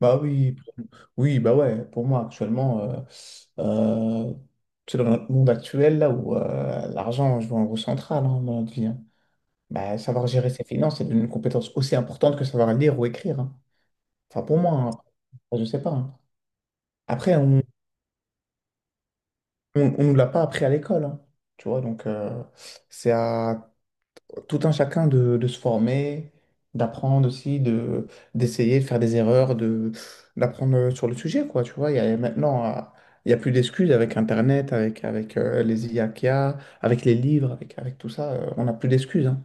Bah oui, oui, bah ouais, pour moi actuellement, euh, c'est dans notre monde actuel là où l'argent joue un rôle central, hein, dans notre vie. Hein. Bah, savoir gérer ses finances, c'est une compétence aussi importante que savoir lire ou écrire. Hein. Enfin, pour moi. Hein. Enfin, je sais pas. Hein. Après, on nous l'a pas appris à l'école. Hein. Tu vois, donc c'est à tout un chacun de se former, d'apprendre aussi, d'essayer de faire des erreurs, d'apprendre sur le sujet, quoi, tu vois. Il n'y a plus d'excuses avec Internet, avec les IA qu'il y a, avec les livres, avec tout ça, on n'a plus d'excuses, hein.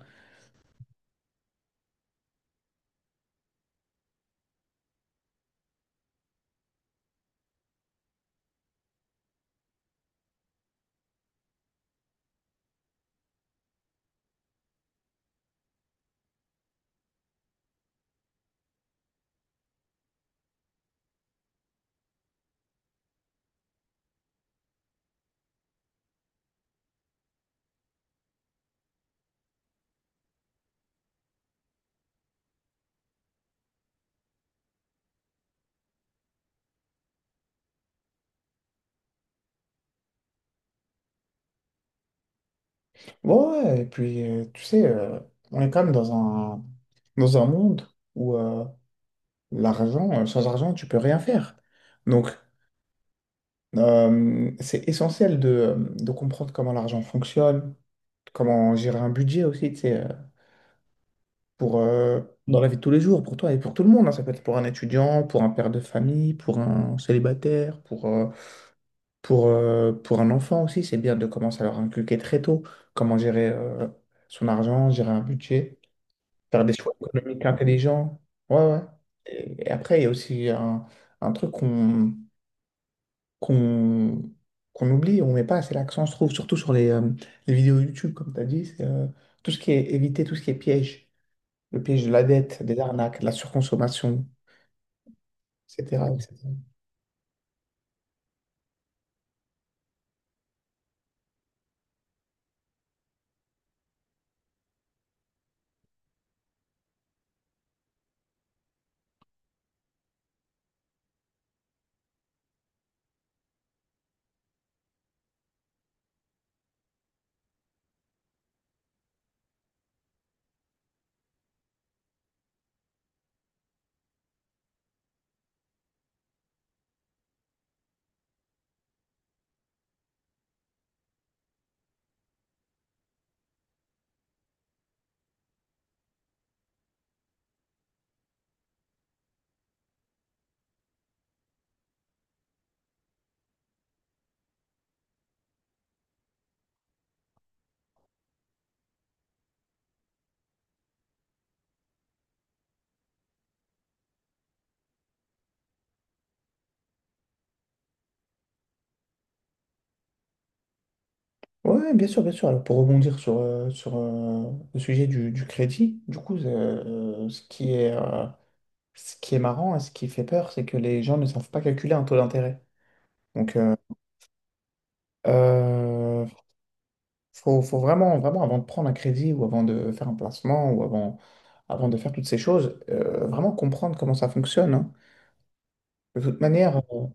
Ouais, ouais, ouais. Et puis, tu sais, on est quand même dans un monde où sans argent, tu peux rien faire. Donc, c'est essentiel de comprendre comment l'argent fonctionne, comment gérer un budget aussi, tu sais, pour, euh, dans la vie de tous les jours, pour toi et pour tout le monde. Hein. Ça peut être pour un étudiant, pour un père de famille, pour un célibataire, pour un enfant aussi. C'est bien de commencer à leur inculquer très tôt comment gérer son argent, gérer un budget, faire des choix économiques intelligents. Ouais, ouais. Et après, il y a aussi un truc qu'on qu'on oublie, on met pas assez l'accent, je trouve, surtout sur les vidéos YouTube, comme tu as dit, c'est tout ce qui est éviter tout ce qui est piège. Le piège de la dette, des arnaques, de la surconsommation, etc., etc. Ouais, bien sûr, bien sûr. Alors, pour rebondir sur le sujet du crédit, du coup, ce qui est marrant et ce qui fait peur, c'est que les gens ne savent pas calculer un taux d'intérêt. Donc, euh, faut vraiment, vraiment, avant de prendre un crédit ou avant de faire un placement ou avant, avant de faire toutes ces choses, vraiment comprendre comment ça fonctionne. Hein. De toute manière, euh,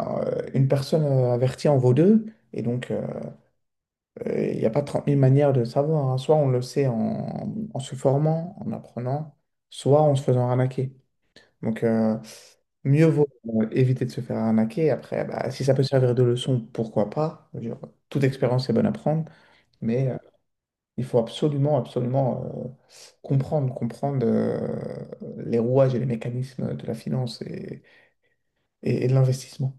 euh, une personne avertie en vaut deux. Et donc, il n'y a pas 30 000 manières de savoir. Hein. Soit on le sait en se formant, en apprenant, soit en se faisant arnaquer. Donc, mieux vaut éviter de se faire arnaquer. Après, bah, si ça peut servir de leçon, pourquoi pas? Je veux dire, toute expérience est bonne à prendre, mais il faut absolument, absolument comprendre les rouages et les mécanismes de la finance et de l'investissement.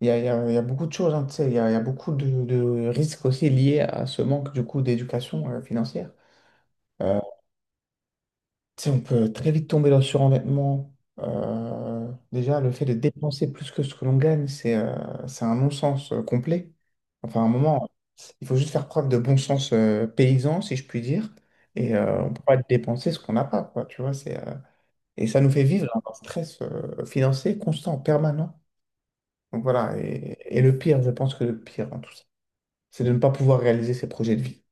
Il y a, il y a- il y a beaucoup de choses, hein, tu sais, il y a beaucoup de risques aussi liés à ce manque du coup d'éducation financière. Euh, tu sais, on peut très vite tomber dans le surendettement. Déjà, le fait de dépenser plus que ce que l'on gagne, c'est un non-sens complet. Enfin, à un moment, il faut juste faire preuve de bon sens paysan, si je puis dire, et on ne peut pas dépenser ce qu'on n'a pas, quoi, tu vois, et ça nous fait vivre dans un stress financier constant, permanent. Donc voilà. Et le pire, je pense que le pire en tout ça, c'est de ne pas pouvoir réaliser ses projets de vie.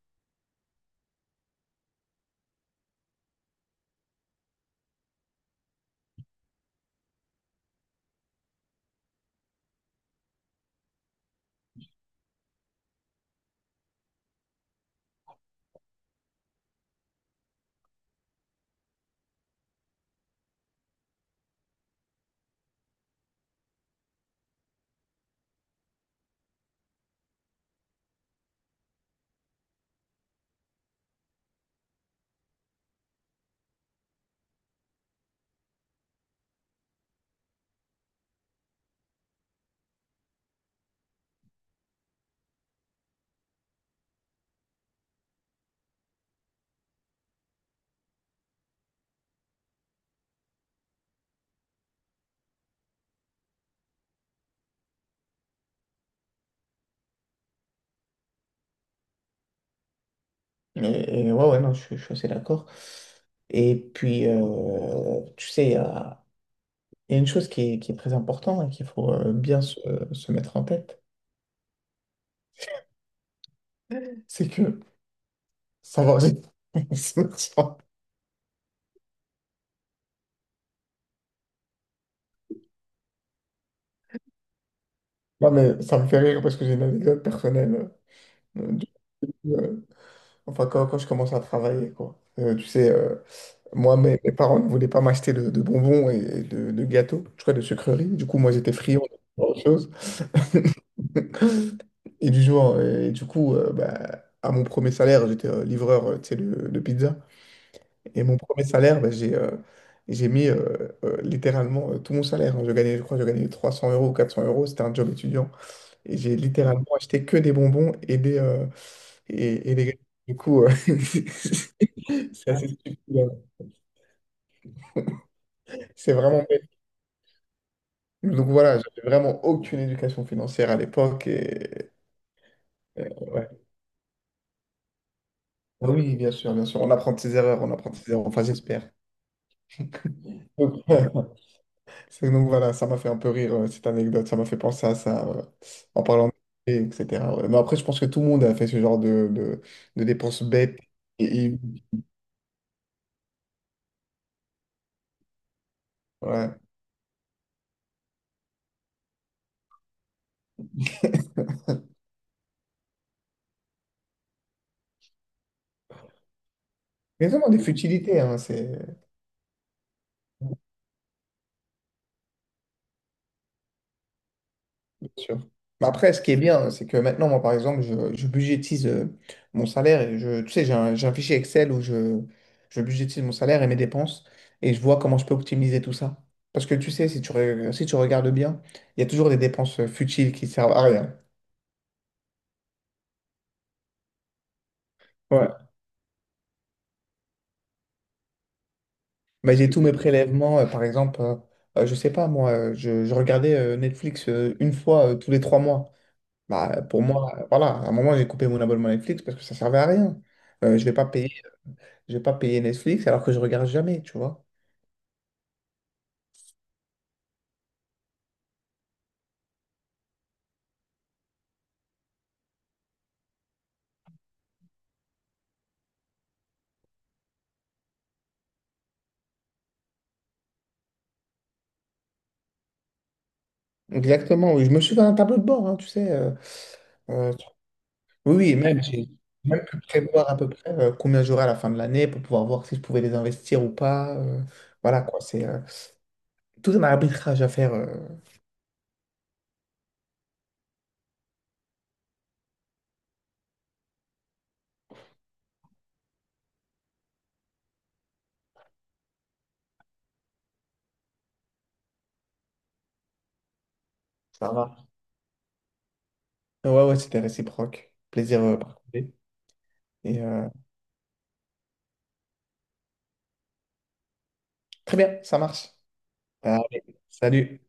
Et ouais, ouais, non, je suis assez d'accord. Et puis, tu sais, il y a une chose qui est très importante et qu'il faut bien se mettre en tête, c'est que ça va vite. Ça va- Non, mais ça me fait rire parce que j'ai une anecdote personnelle. Du coup, enfin, quand je commence à travailler, quoi. Tu sais, moi, mes parents ne voulaient pas m'acheter de bonbons et de gâteaux, je crois de sucreries. Du coup, moi, j'étais friand de autre chose. Et du coup, bah, à mon premier salaire, j'étais livreur, tu sais, de pizza. Et mon premier salaire, bah, j'ai mis littéralement tout mon salaire. Hein. Je gagnais, je crois, que je gagnais 300 € ou 400 euros. C'était un job étudiant. Et j'ai littéralement acheté que des bonbons et des gâteaux. Du coup, c'est assez stupide. Hein. C'est vraiment. Donc voilà, j'avais vraiment aucune éducation financière à l'époque et ouais. Ah, oui, bien sûr, bien sûr. On apprend de ses erreurs, on apprend de ses erreurs. Enfin, j'espère. Donc, donc voilà, ça m'a fait un peu rire cette anecdote, ça m'a fait penser à ça en parlant de et etc. Ouais. Mais après, je pense que tout le monde a fait ce genre de dépenses bêtes et, et- ouais. Mais vraiment des futilités, hein, c'est sûr. Mais après, ce qui est bien, c'est que maintenant, moi, par exemple, je budgétise mon salaire et tu sais, j'ai un fichier Excel où je budgétise mon salaire et mes dépenses et je vois comment je peux optimiser tout ça. Parce que tu sais, si si tu regardes bien, il y a toujours des dépenses futiles qui servent à rien. Ouais. Mais j'ai tous mes prélèvements, par exemple, je sais pas, moi, je regardais Netflix une fois tous les trois mois. Bah, pour moi, voilà, à un moment, j'ai coupé mon abonnement Netflix parce que ça servait à rien. Je vais pas payer. J'ai pas payé Netflix alors que je regarde jamais, tu vois. Exactement, oui. Je me suis fait un tableau de bord, hein, tu sais. Euh, oui, oui, et même j'ai dû prévoir à peu près combien j'aurais à la fin de l'année pour pouvoir voir si je pouvais les investir ou pas. Voilà quoi, c'est tout un arbitrage à faire. Ça marche. Ouais, ouais, c'était réciproque. Plaisir partagé. Et très bien, ça marche. Allez, salut.